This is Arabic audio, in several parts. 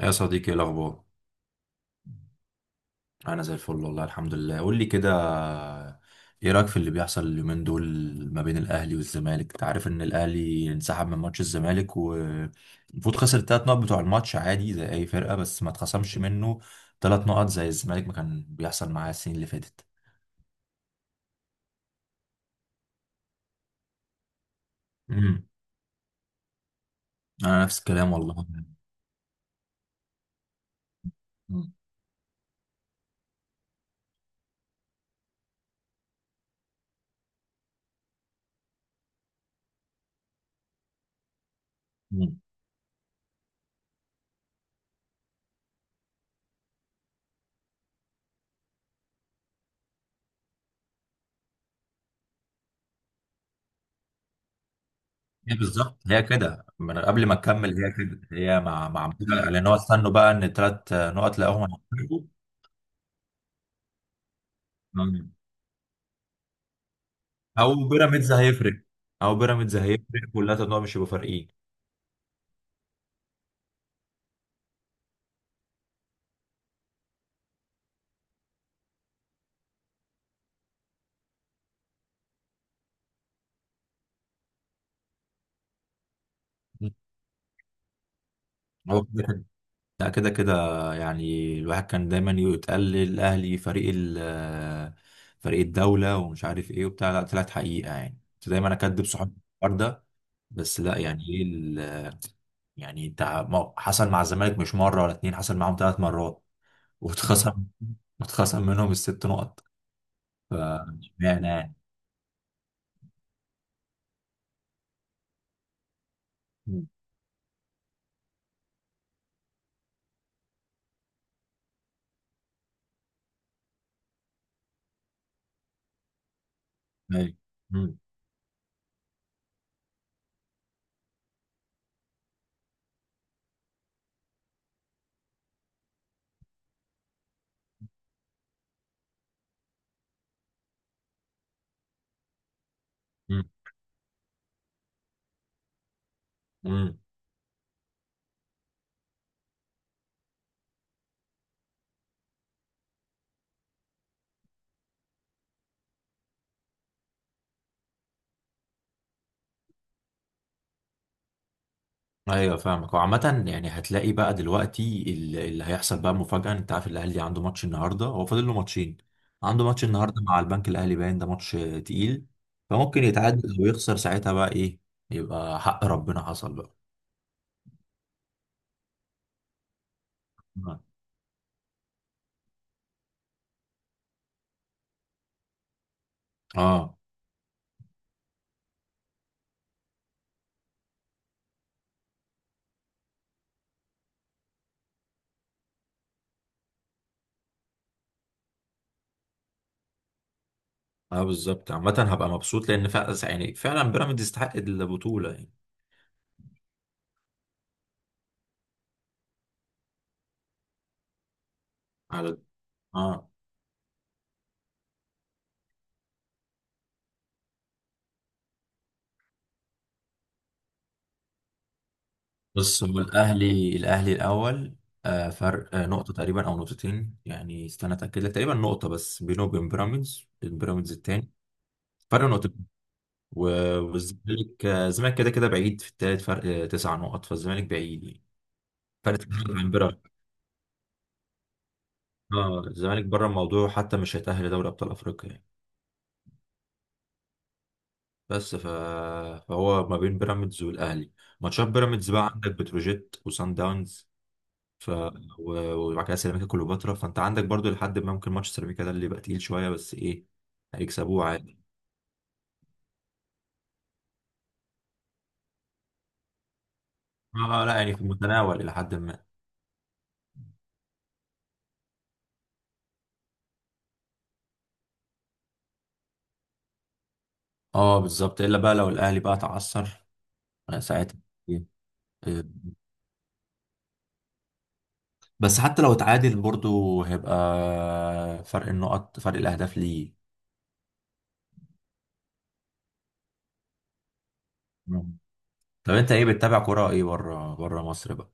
يا صديقي ايه الاخبار؟ انا زي الفل والله الحمد لله. قول لي كده، ايه رايك في اللي بيحصل اليومين دول ما بين الاهلي والزمالك؟ انت عارف ان الاهلي انسحب من ماتش الزمالك والمفروض خسر الثلاث نقط بتوع الماتش عادي زي اي فرقه، بس ما اتخصمش منه ثلاث نقط زي الزمالك ما كان بيحصل معاه السنين اللي فاتت. امم انا نفس الكلام والله. مم. مم. هي بالظبط هي كده، من قبل ما تكمل هي كده، هي مع لان هو استنوا بقى ان الثلاث نقط لقاهم هيتحسبوا. او بيراميدز هيفرق، او بيراميدز هيفرق، كلها تنوع، مش هيبقوا فارقين. مم. هو كده كده، لا كده كده، يعني الواحد كان دايما يتقال الاهلي فريق فريق الدوله ومش عارف ايه وبتاع، لا طلعت حقيقه، يعني كنت دايما اكدب صحابي في الحوار ده. بس لا يعني ايه يعني انت ما- حصل مع الزمالك مش مره ولا اتنين، حصل معاهم ثلاث مرات. واتخصم، واتخصم منهم الست نقط. ف اشمعنى يعني؟ مم. أيوة. مم. مم. مم. ايوه فاهمك. وعامة يعني هتلاقي بقى دلوقتي اللي هيحصل بقى مفاجأة. انت عارف الاهلي عنده ماتش النهارده، هو فاضل له ماتشين. عنده ماتش النهارده، مع البنك الاهلي، باين ده ماتش تقيل. فممكن يتعادل او يخسر، ساعتها بقى ايه؟ يبقى حق ربنا حصل بقى. اه اه بالظبط. عامة هبقى مبسوط لان فعلا يعني فعلا بيراميدز يستحق البطولة يعني. على اه، بص، هو الاهلي، الاهلي الاول، آه، فرق آه، نقطه تقريبا او نقطتين، يعني استنى اتاكد لك. تقريبا نقطه بس بينه وبين بيراميدز، بيراميدز التاني، فرق نقطتين. والزمالك آه، الزمالك كده كده بعيد في التالت، فرق آه، تسع نقط، فالزمالك بعيد يعني. فرق تسع نقط عن بيراميدز. اه الزمالك بره الموضوع، حتى مش هيتاهل لدوري ابطال افريقيا يعني. بس ف... فهو ما بين بيراميدز والاهلي، ماتشات بيراميدز بقى عندك بتروجيت وسان داونز، ف وبعد كده سيراميكا كليوباترا، فانت عندك برضو لحد ما ممكن ماتش سيراميكا ده اللي يبقى تقيل شويه، بس ايه، هيكسبوه عادي. اه آه، لا يعني في المتناول الى حد ما. اه بالظبط، الا بقى لو الاهلي بقى تعثر آه، ساعتها إيه، آه. بس حتى لو اتعادل برضو هيبقى فرق النقط، فرق الاهداف ليه. مم. طب انت ايه بتتابع كرة ايه بره، بره مصر بقى؟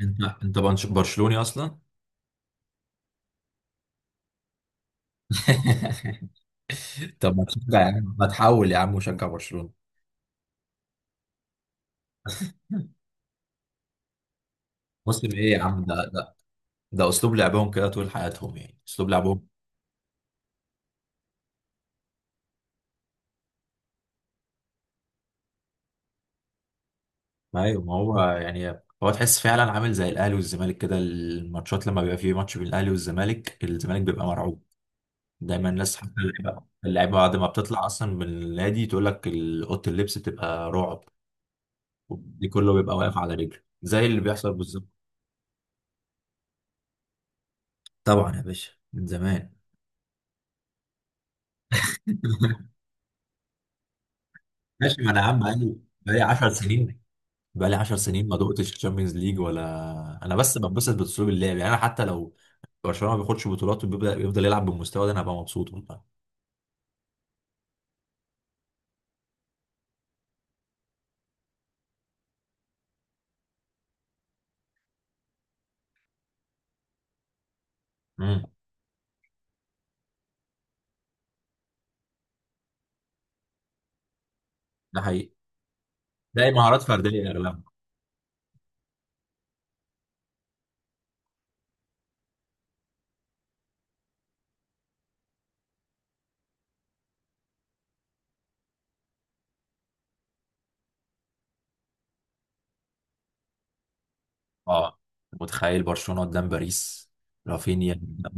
برشلوني اصلا؟ طب ما تشجع يا عم، ما تحول يا عم وشجع برشلونة. مسلم ايه يا عم ده؟ ده اسلوب لعبهم كده طول حياتهم، يعني اسلوب لعبهم. ايوه، ما هو يعني هو تحس فعلا عامل زي الاهلي والزمالك كده، الماتشات لما بيبقى فيه ماتش بين الاهلي والزمالك الزمالك بيبقى مرعوب. دايما الناس حتى اللعيبه، اللعيبه بعد ما بتطلع اصلا من النادي تقول لك اوضه اللبس بتبقى رعب، دي كله بيبقى واقف على رجله زي اللي بيحصل بالظبط. طبعا يا باشا من زمان. ماشي، ما انا يا عم بقالي، بقالي 10 سنين، بقالي 10 سنين ما دقتش تشامبيونز ليج ولا. انا بس بنبسط باسلوب اللعب، يعني انا حتى لو برشلونه ما بياخدش بطولات وبيبدا يفضل يلعب بالمستوى ده انا هبقى مبسوط والله. امم ده حقيقي، تلاقي مهارات فرديه اغلبها. اه متخيل برشلونه قدام باريس؟ رافينيا قدام،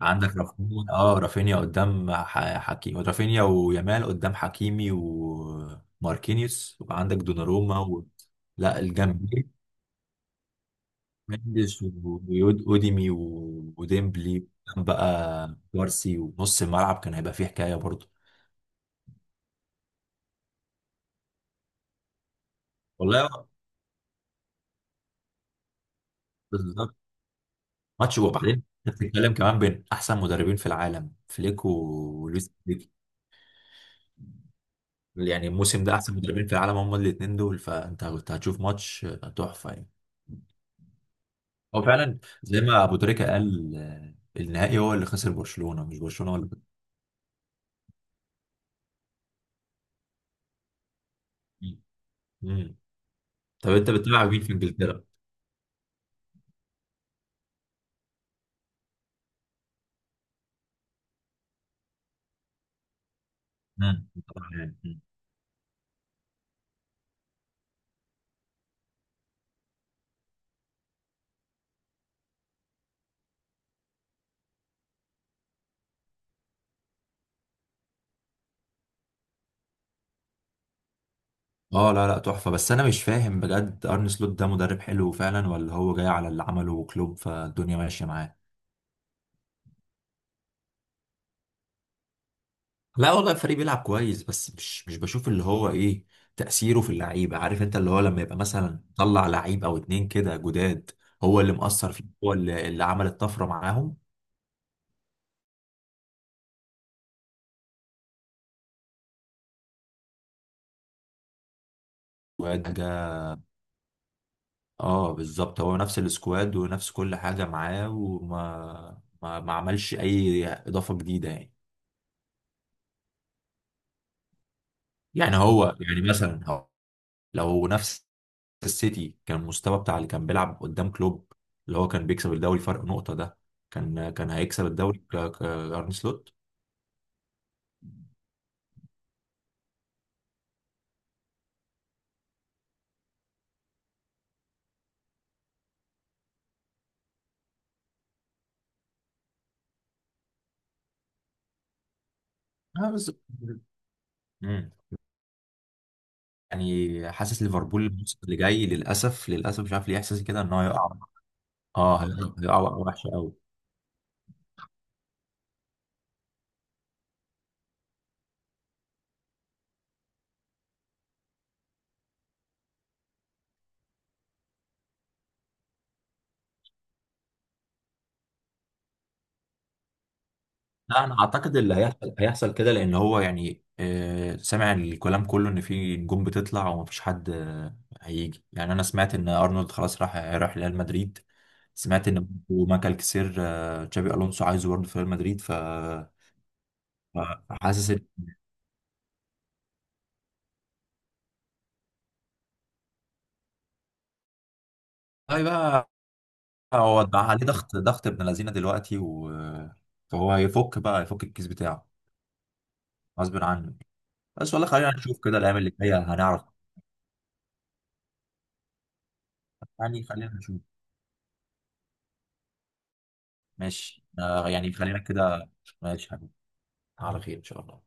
عندك رافينيا، اه رافينيا قدام حكيمي، رافينيا ويامال قدام حكيمي وماركينيوس، وعندك دوناروما و... لا الجنبين مندس واوديمي وديمبلي، كان بقى كوارسي، ونص الملعب كان هيبقى فيه حكايه برضه. والله بالظبط. ماتش، وبعدين انت بتتكلم كمان بين احسن مدربين في العالم، فليك ولويس فليك، يعني الموسم ده احسن مدربين في العالم هم الاثنين دول، فانت كنت هتشوف ماتش تحفه يعني. هو فعلا زي ما ابو تريكه قال آه، النهائي هو اللي خسر برشلونه، مش برشلونه هو اللي خسر. مم. مم. طب انت بتتابع مين في انجلترا؟ طبعاً يعني. اه لا لا تحفه، بس انا مش فاهم بجد ارن سلوت ده مدرب حلو فعلا، ولا هو جاي على اللي عمله كلوب فالدنيا ماشيه معاه؟ لا والله الفريق بيلعب كويس، بس مش بشوف اللي هو ايه تأثيره في اللعيبة. عارف انت اللي هو لما يبقى مثلا طلع لعيب او اتنين كده جداد هو اللي مؤثر فيه، هو اللي عمل الطفرة معاهم وجا. اه بالظبط، هو نفس السكواد ونفس كل حاجة معاه، وما ما, ما عملش اي اضافة جديدة يعني. يعني هو يعني مثلا هو لو نفس السيتي كان المستوى بتاع اللي كان بيلعب قدام كلوب، اللي هو كان بيكسب الدوري فرق نقطة ده، كان كان هيكسب الدوري ارن سلوت. اه بس مم. يعني حاسس ليفربول الموسم اللي جاي للاسف، للاسف مش عارف ليه احساسي كده ان هو يقع. اه هيقع، هيقع وقعة وحشه قوي. لا انا اعتقد اللي هيحصل هيحصل كده، لان هو يعني سامع الكلام كله ان في نجوم بتطلع ومفيش حد هيجي. يعني انا سمعت ان ارنولد خلاص راح، راح ريال مدريد، سمعت ان ماكل كسير آه تشابي الونسو عايزه برضه في ريال مدريد، فحاسس ان طيب بقى هو ده عليه ضغط، ضغط ابن لذينه دلوقتي و... فهو هيفك بقى، هيفك الكيس بتاعه غصب عنه. بس والله خلينا نشوف كده، الايام اللي جايه هنعرف، يعني خلينا نشوف. ماشي آه، يعني خلينا كده. ماشي يا حبيبي، على خير ان شاء الله.